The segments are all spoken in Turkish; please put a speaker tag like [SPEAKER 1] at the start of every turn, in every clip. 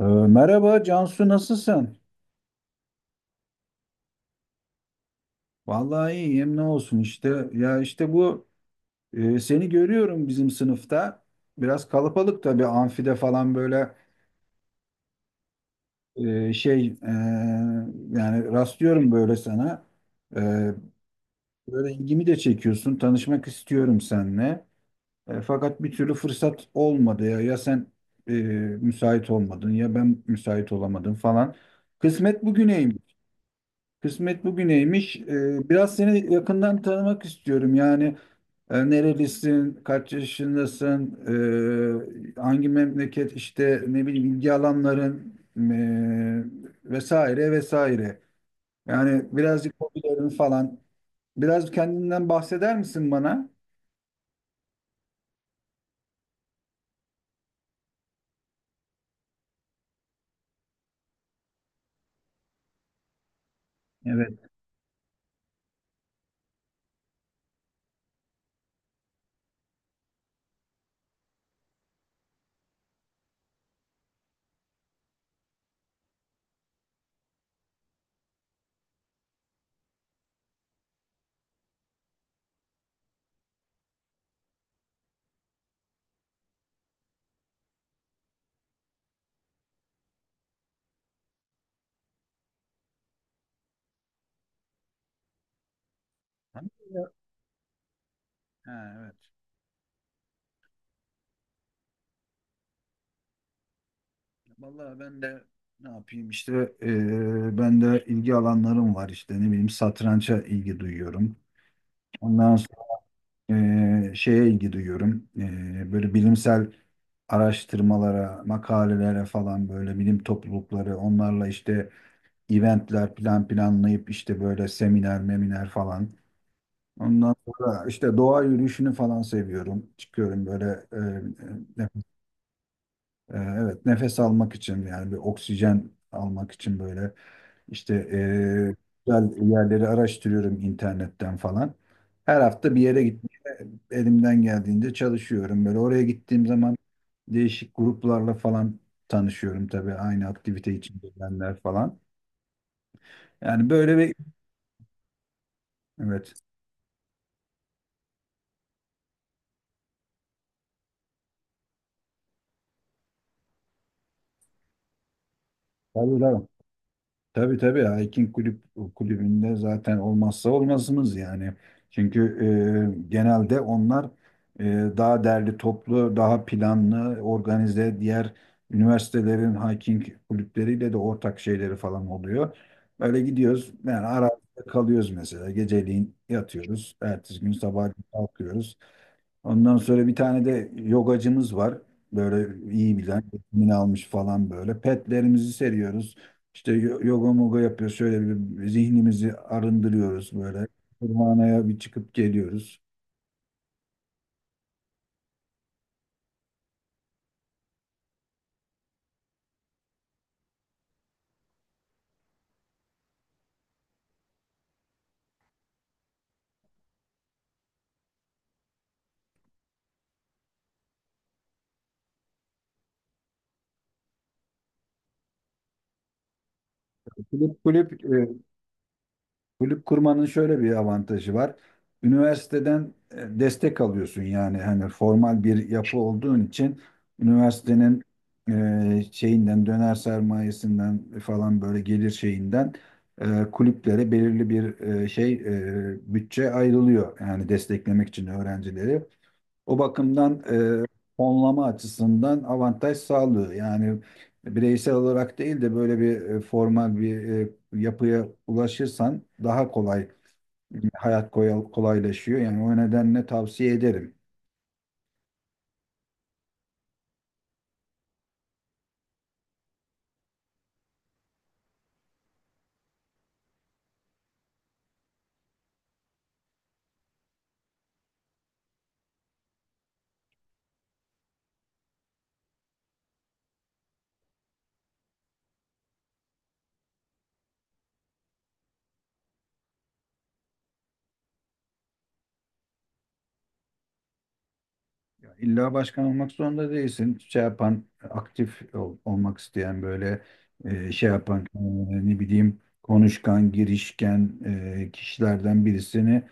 [SPEAKER 1] Merhaba Cansu, nasılsın? Vallahi iyiyim, ne olsun işte. Ya işte bu seni görüyorum bizim sınıfta. Biraz kalabalık tabii, amfide falan böyle e, şey e, yani rastlıyorum böyle sana. E, Böyle ilgimi de çekiyorsun. Tanışmak istiyorum seninle. Fakat bir türlü fırsat olmadı ya. Ya sen e, müsait olmadın, ya ben müsait olamadım falan. Kısmet bugüneymiş. Kısmet bugüneymiş. Biraz seni yakından tanımak istiyorum. Yani nerelisin, kaç yaşındasın, hangi memleket, işte ne bileyim ilgi alanların vesaire vesaire. Yani birazcık hobilerin falan. Biraz kendinden bahseder misin bana? Evet. Ha, evet. Vallahi ben de ne yapayım işte, ben de ilgi alanlarım var, işte ne bileyim satranca ilgi duyuyorum. Ondan şeye ilgi duyuyorum. E, böyle bilimsel araştırmalara, makalelere falan, böyle bilim toplulukları, onlarla işte eventler planlayıp işte böyle seminer, meminer falan. Ondan sonra işte doğa yürüyüşünü falan seviyorum. Çıkıyorum böyle e, e, nef- e, evet, nefes almak için, yani bir oksijen almak için böyle işte güzel yerleri araştırıyorum internetten falan. Her hafta bir yere gitmeye elimden geldiğince çalışıyorum. Böyle oraya gittiğim zaman değişik gruplarla falan tanışıyorum, tabii aynı aktivite içindeler falan. Yani böyle bir evet. Tabii tabii. Tabii tabii, hiking kulübünde zaten olmazsa olmazımız yani. Çünkü genelde onlar e, daha derli toplu, daha planlı, organize, diğer üniversitelerin hiking kulüpleriyle de ortak şeyleri falan oluyor. Böyle gidiyoruz yani, arada kalıyoruz mesela. Geceliğin yatıyoruz. Ertesi gün sabah kalkıyoruz. Ondan sonra bir tane de yogacımız var. Böyle iyi bilen, eğitimini almış falan böyle. Petlerimizi seriyoruz. İşte yoga moga yapıyoruz. Şöyle bir zihnimizi arındırıyoruz böyle. Kurbanaya bir çıkıp geliyoruz. Kulüp Kulüp kurmanın şöyle bir avantajı var. Üniversiteden destek alıyorsun, yani hani formal bir yapı olduğun için üniversitenin e, şeyinden döner sermayesinden falan, böyle gelir şeyinden kulüplere belirli bir bütçe ayrılıyor, yani desteklemek için öğrencileri. O bakımdan e, fonlama açısından avantaj sağlıyor. Yani bireysel olarak değil de böyle bir formal bir yapıya ulaşırsan daha kolay hayat kolaylaşıyor. Yani o nedenle tavsiye ederim. İlla başkan olmak zorunda değilsin. Şey yapan, olmak isteyen böyle ne bileyim, konuşkan, girişken kişilerden birisini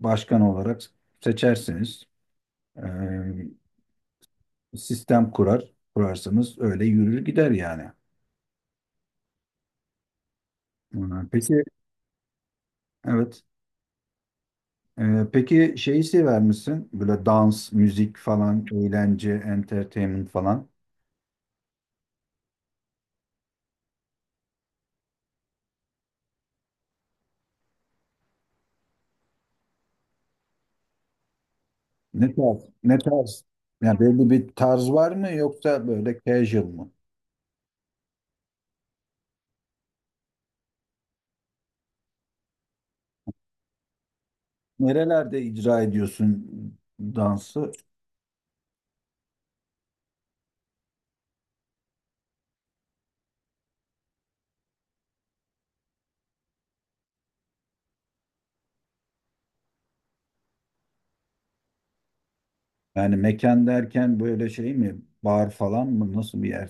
[SPEAKER 1] başkan olarak seçersiniz. Sistem kurar, kurarsanız öyle yürür gider yani. Peki, evet. Peki, şeyi sever misin? Böyle dans, müzik falan, eğlence, entertainment falan. Ne tarz? Ne tarz? Yani belli bir tarz var mı, yoksa böyle casual mı? Nerelerde icra ediyorsun dansı? Yani mekan derken böyle şey mi? Bar falan mı? Nasıl bir yer?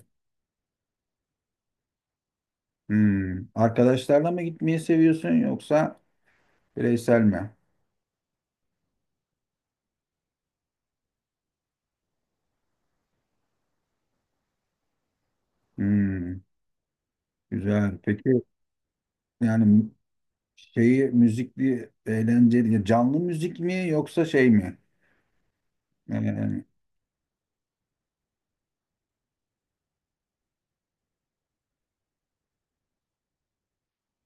[SPEAKER 1] Hmm. Arkadaşlarla mı gitmeyi seviyorsun, yoksa bireysel mi? Hmm. Güzel. Peki, yani şeyi, müzikli eğlenceli, canlı müzik mi, yoksa şey mi? Yani,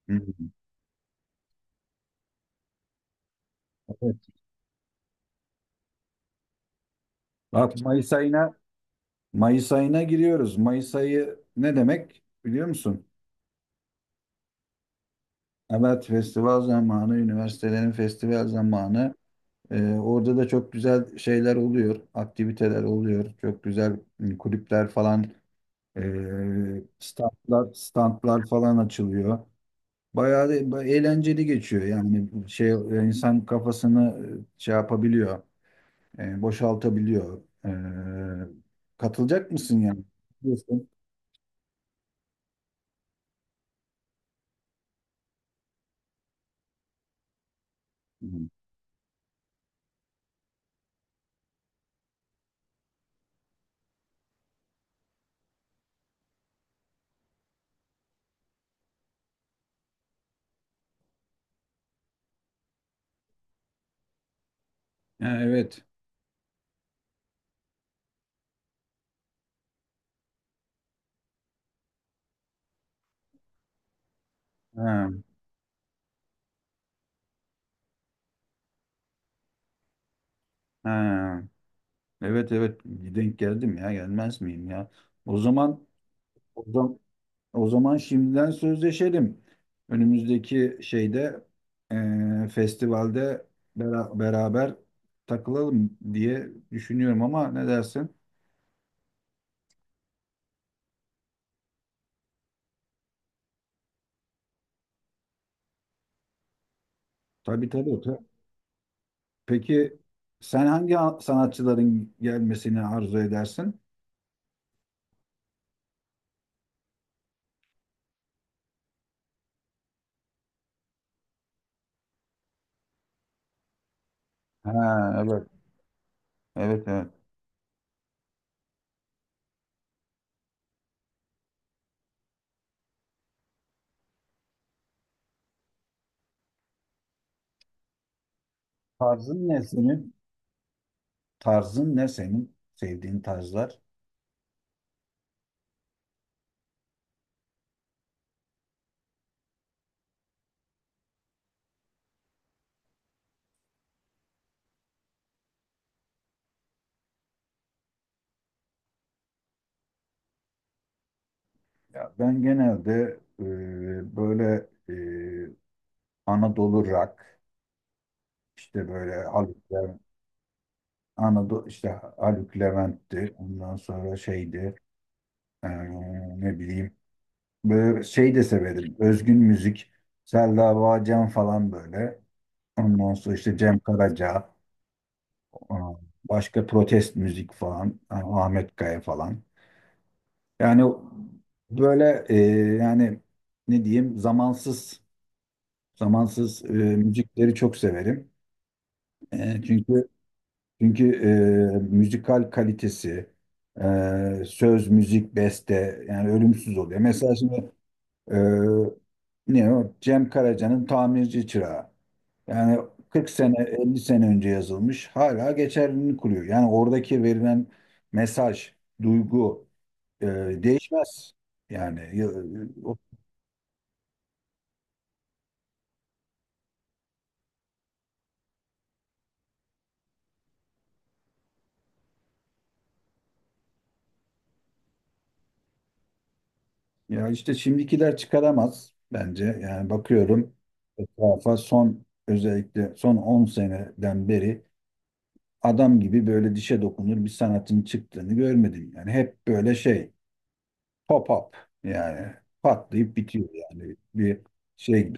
[SPEAKER 1] hmm, evet. Bak Mayıs ayına Mayıs ayına giriyoruz. Mayıs ayı ne demek biliyor musun? Evet, festival zamanı, üniversitelerin festival zamanı. Orada da çok güzel şeyler oluyor, aktiviteler oluyor. Çok güzel, hmm, kulüpler falan, standlar, standlar falan açılıyor. Bayağı da eğlenceli geçiyor. Yani şey, insan kafasını e, şey yapabiliyor, boşaltabiliyor. E, katılacak mısın yani? Diyorsun. Hı. Ha, evet. Ha, ha. Evet evet, denk geldim ya, gelmez miyim ya? O zaman o zaman, o zaman şimdiden sözleşelim. Önümüzdeki şeyde, festivalde beraber takılalım diye düşünüyorum, ama ne dersin? Tabii tabii. Peki sen hangi sanatçıların gelmesini arzu edersin? Ha evet. Evet evet. Tarzın ne senin? Tarzın ne senin? Sevdiğin tarzlar? Ya ben genelde e, böyle e, Anadolu rock, işte böyle Haluk Levent, Anadolu işte Haluk Levent'ti. Ondan sonra şeydi e, ne bileyim, böyle şey de severim. Özgün müzik. Selda Bağcan falan böyle. Ondan sonra işte Cem Karaca. Aa, başka protest müzik falan, aa, Ahmet Kaya falan. Yani böyle yani ne diyeyim, zamansız müzikleri çok severim. E, çünkü çünkü müzikal kalitesi, söz, müzik, beste, yani ölümsüz oluyor. Mesela şimdi e, ne o? Cem Karaca'nın Tamirci Çırağı. Yani 40 sene, 50 sene önce yazılmış, hala geçerliliğini kuruyor. Yani oradaki verilen mesaj, duygu e, değişmez. Yani ya, o- Ya işte şimdikiler çıkaramaz bence. Yani bakıyorum etrafa, son, özellikle son 10 seneden beri adam gibi böyle dişe dokunur bir sanatın çıktığını görmedim. Yani hep böyle şey, pop-up, yani patlayıp bitiyor, yani bir şey gibi.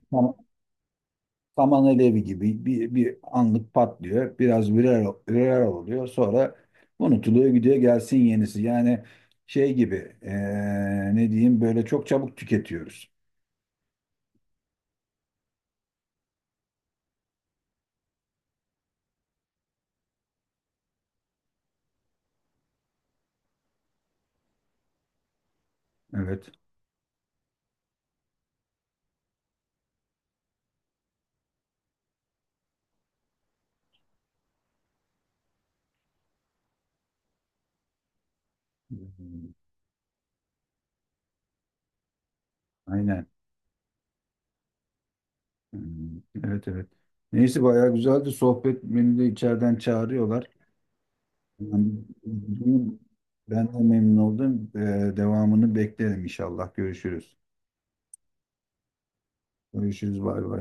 [SPEAKER 1] Saman alevi gibi bir, bir anlık patlıyor. Biraz viral oluyor. Sonra unutuluyor, gidiyor, gelsin yenisi. Yani şey gibi, ne diyeyim, böyle çok çabuk tüketiyoruz. Evet. Hmm, aynen. Hmm, evet evet. Neyse, bayağı güzeldi sohbet. Beni de içeriden çağırıyorlar. Yani ben de memnun oldum. Devamını beklerim inşallah. Görüşürüz. Görüşürüz. Bay bay.